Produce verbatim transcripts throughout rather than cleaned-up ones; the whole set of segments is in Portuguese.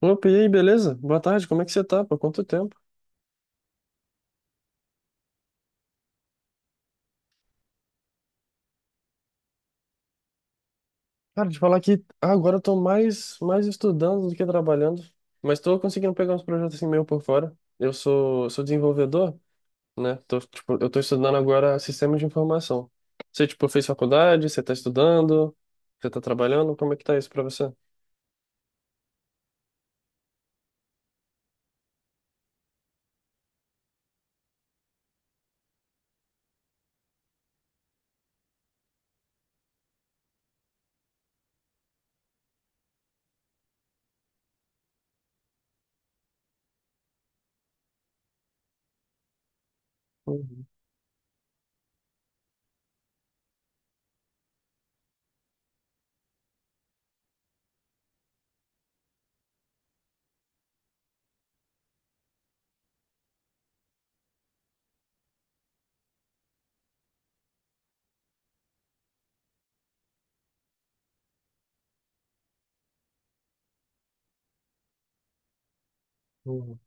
Opa, e aí, beleza? Boa tarde, como é que você tá? Por quanto tempo? Cara, de falar que agora eu tô mais, mais estudando do que trabalhando, mas tô conseguindo pegar uns projetos assim meio por fora. Eu sou, sou desenvolvedor, né? Tô, tipo, eu tô estudando agora sistemas de informação. Você, tipo, fez faculdade, você tá estudando, você tá trabalhando, como é que tá isso pra você? Uhum, uhum,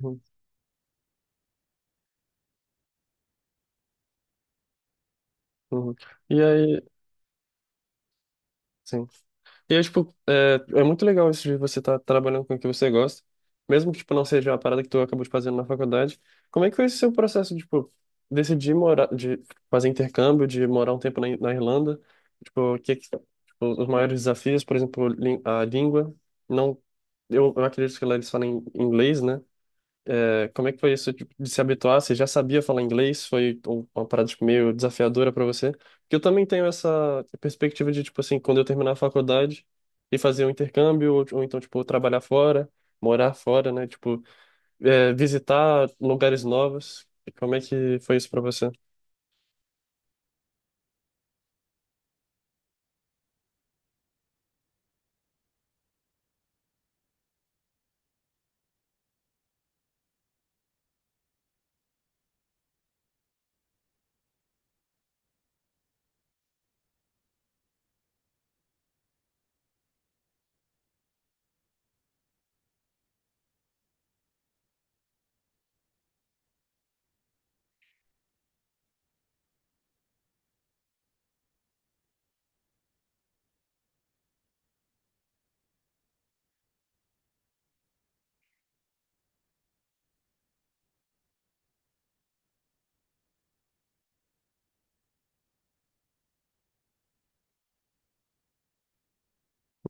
uhum, uhum. E aí, sim. E é, tipo, é, é muito legal isso de você estar trabalhando com o que você gosta, mesmo que, tipo, não seja a parada que tu acabou de fazer na faculdade. Como é que foi esse seu processo, de, tipo, decidir morar, de fazer intercâmbio, de morar um tempo na, Ir- na Irlanda? Tipo, o que, que- tipo, os maiores desafios, por exemplo, lin- a língua. Não, eu, eu acredito que lá eles falam inglês, né? É, como é que foi isso, tipo, de se habituar? Você já sabia falar inglês? Foi um- uma parada, tipo, meio desafiadora para você? Porque eu também tenho essa perspectiva de, tipo assim, quando eu terminar a faculdade e fazer um intercâmbio, ou, ou então, tipo, trabalhar fora, morar fora, né? Tipo, é, visitar lugares novos. E como é que foi isso para você?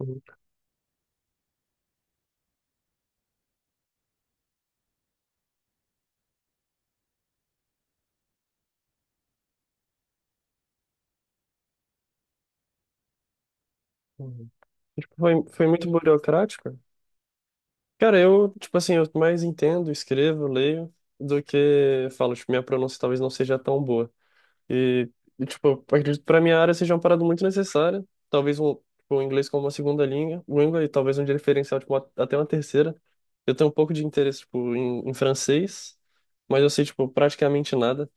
Uhum. Uhum. Tipo, foi, foi muito burocrático? Cara, eu, tipo assim, eu mais entendo, escrevo, leio, do que falo. Tipo, minha pronúncia talvez não seja tão boa. E, e, tipo, eu acredito que pra minha área seja uma parada muito necessária. Talvez um, tipo, o inglês como uma segunda língua, língua e talvez um diferencial, tipo, uma- até uma terceira. Eu tenho um pouco de interesse, tipo, em, em francês, mas eu sei, tipo, praticamente nada.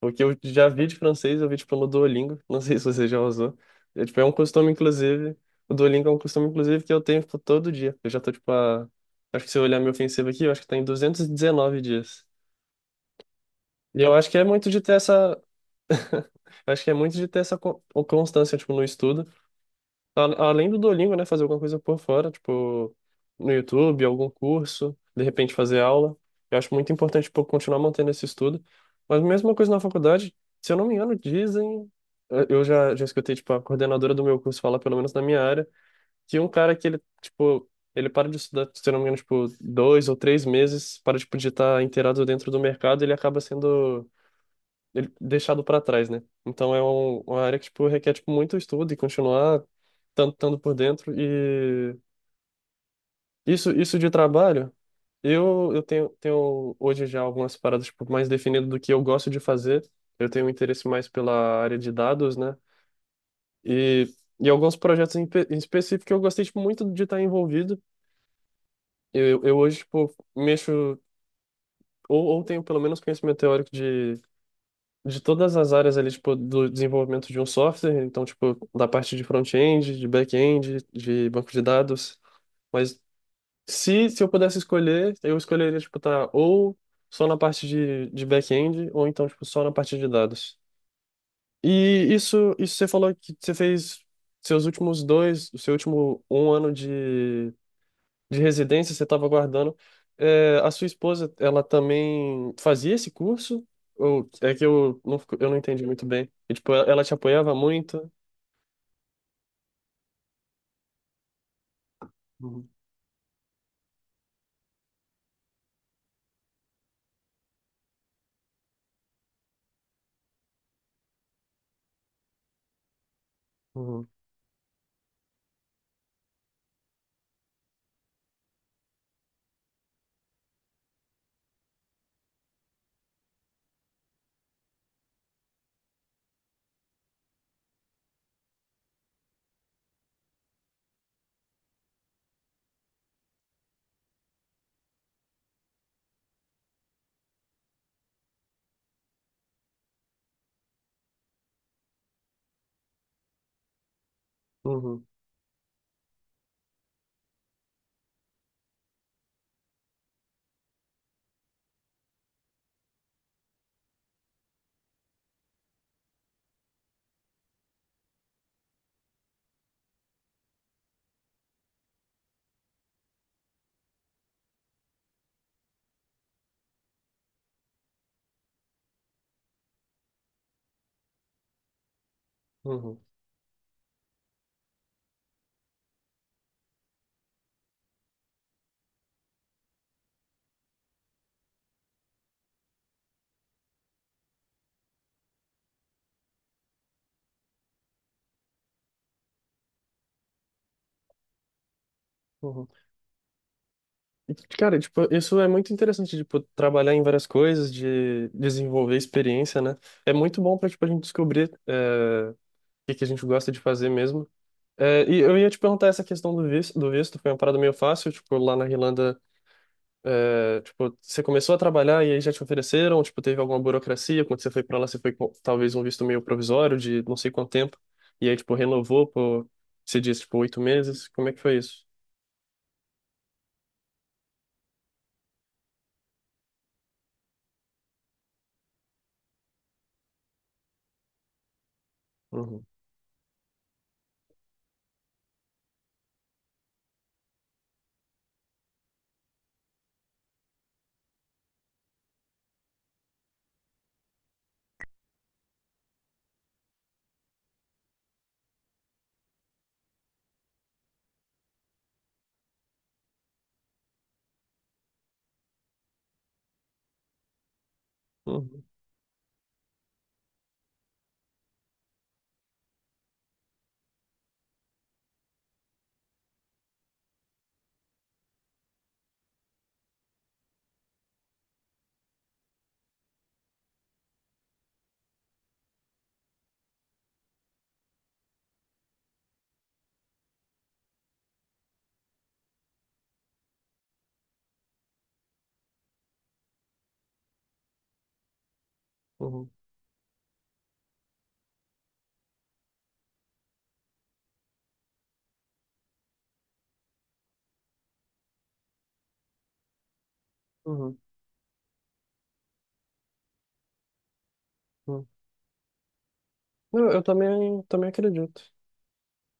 O que eu já vi de francês, eu vi, tipo, no Duolingo. Não sei se você já usou. É, tipo, é um costume, inclusive. O Duolingo é um costume, inclusive, que eu tenho, tipo, todo dia. Eu já tô, tipo, a. Acho que se eu olhar meu ofensivo aqui, eu acho que tá em duzentos e dezenove dias. E eu acho que é muito de ter essa. Eu acho que é muito de ter essa co- o- constância, tipo, no estudo. A- Além do Duolingo, né? Fazer alguma coisa por fora, tipo, no YouTube, algum curso, de repente fazer aula. Eu acho muito importante, tipo, continuar mantendo esse estudo. Mas a mesma coisa na faculdade, se eu não me engano, dizem. Eu eu já, já escutei, tipo, a coordenadora do meu curso falar, pelo menos na minha área, que um cara que ele, tipo, ele para de estudar, se eu não me engano, tipo, dois ou três meses, para, tipo, de estar inteirado dentro do mercado, ele acaba sendo ele- deixado para trás, né? Então é um- uma área que tipo requer tipo muito estudo e continuar tanto tanto por dentro e isso isso de trabalho, eu eu tenho tenho hoje já algumas paradas tipo mais definidas do que eu gosto de fazer. Eu tenho um interesse mais pela área de dados, né? E e alguns projetos em, pe- em específico que eu gostei tipo, muito de estar envolvido. Eu, eu hoje tipo mexo ou, ou tenho pelo menos conhecimento teórico de todas as áreas ali, tipo, do desenvolvimento de um software, então, tipo, da parte de front-end, de back-end, de banco de dados. Mas se, se eu pudesse escolher, eu escolheria, tipo, tá ou só na parte de, de back-end, ou então, tipo, só na parte de dados. E isso, isso você falou que você fez seus últimos dois, o seu último um ano de de residência, você estava guardando. É, a sua esposa, ela também fazia esse curso? Ou é que eu não, fico- eu não entendi muito bem. E, tipo, ela ela te apoiava muito? Uhum, uhum, uhum, uhum, uhum. E, cara, tipo, isso é muito interessante, tipo, trabalhar em várias coisas, de desenvolver experiência, né? É muito bom para, tipo, a gente descobrir, é, o que que a gente gosta de fazer mesmo. É, e eu ia te perguntar essa questão do visto, do visto, foi uma parada meio fácil, tipo, lá na Irlanda, é, tipo, você começou a trabalhar e aí já te ofereceram, tipo, teve alguma burocracia, quando você foi pra lá, você foi com talvez um visto meio provisório de não sei quanto tempo, e aí, tipo, renovou por, você disse, tipo, oito meses, como é que foi isso? Uhum, uhum, uhum, uhum, uhum. Não, eu também, também acredito.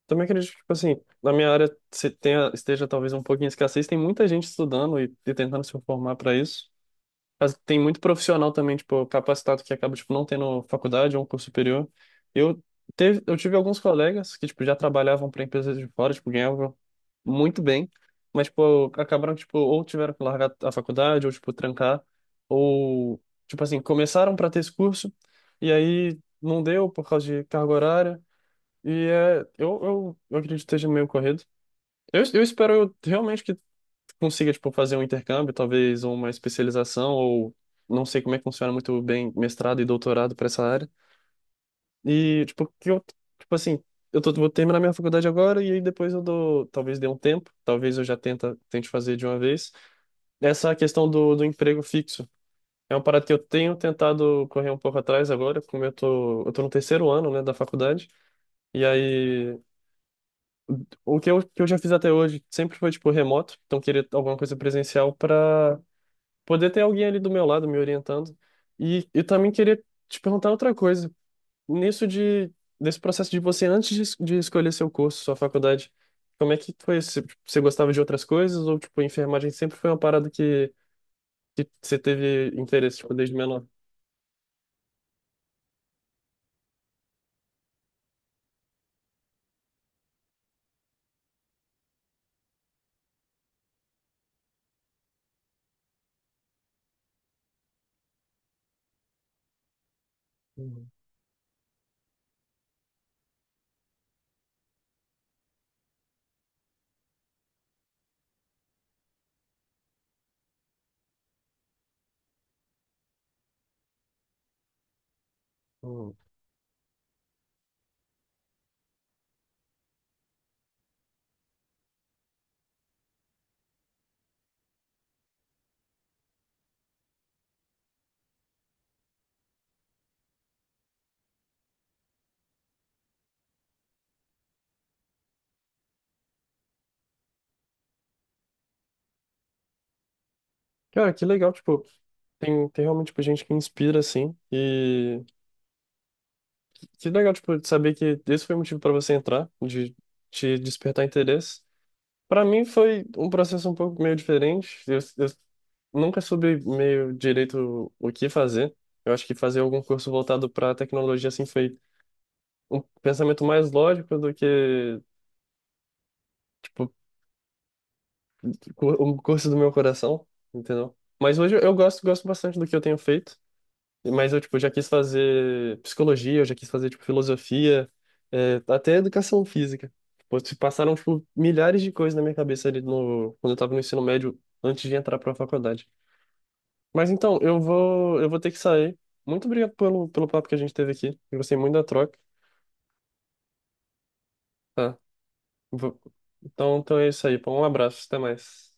Também acredito que, tipo assim, na minha área se tenha, esteja talvez um pouquinho escassez, tem muita gente estudando e, e tentando se formar para isso. Mas tem muito profissional também, tipo, capacitado que acaba, tipo, não tendo faculdade ou um curso superior. Eu, teve, eu tive alguns colegas que, tipo, já trabalhavam para empresas de fora, tipo, ganhavam muito bem, mas, tipo, acabaram, tipo, ou tiveram que largar a faculdade, ou, tipo, trancar, ou, tipo assim, começaram para ter esse curso, e aí não deu por causa de carga horária, e é, eu, eu, eu acredito que esteja meio corrido. Eu, eu espero eu realmente que consiga, tipo, fazer um intercâmbio, talvez ou uma especialização, ou não sei como é que funciona muito bem mestrado e doutorado para essa área. E, tipo, que eu, tipo assim, eu tô, vou terminar minha faculdade agora e aí depois eu dou, talvez dê um tempo, talvez eu já tenta, tente fazer de uma vez. Essa questão do, do emprego fixo. É uma parada que eu tenho tentado correr um pouco atrás agora, como eu tô, eu tô no terceiro ano, né, da faculdade. E aí. O que eu, que eu já fiz até hoje sempre foi, tipo, remoto, então queria alguma coisa presencial para poder ter alguém ali do meu lado me orientando. E eu também queria te perguntar outra coisa. Nisso de, desse processo de você, antes de, es- de escolher seu curso, sua faculdade, como é que foi? Você, você gostava de outras coisas ou, tipo, enfermagem sempre foi uma parada que, que você teve interesse, tipo, desde menor? Uhum. Cara, que legal, tipo, tem, tem realmente, tipo, gente que inspira, assim. Que legal, tipo, saber que esse foi o motivo para você entrar, de te despertar interesse. Para mim foi um processo um pouco meio diferente. Eu, eu nunca soube meio direito o que fazer. Eu acho que fazer algum curso voltado para tecnologia assim foi um pensamento mais lógico do que tipo cu- um curso do meu coração, entendeu? Mas hoje eu gosto gosto bastante do que eu tenho feito. Mas eu, tipo, já quis fazer psicologia, eu já quis fazer, tipo, filosofia, é, até educação física. Pô, se passaram, tipo, milhares de coisas na minha cabeça ali no, quando eu tava no ensino médio, antes de entrar pra faculdade. Mas então, eu vou, eu vou ter que sair. Muito obrigado pelo, pelo papo que a gente teve aqui. Eu gostei muito da troca. Tá. Vou- Então, então é isso aí, pô. Um abraço, até mais.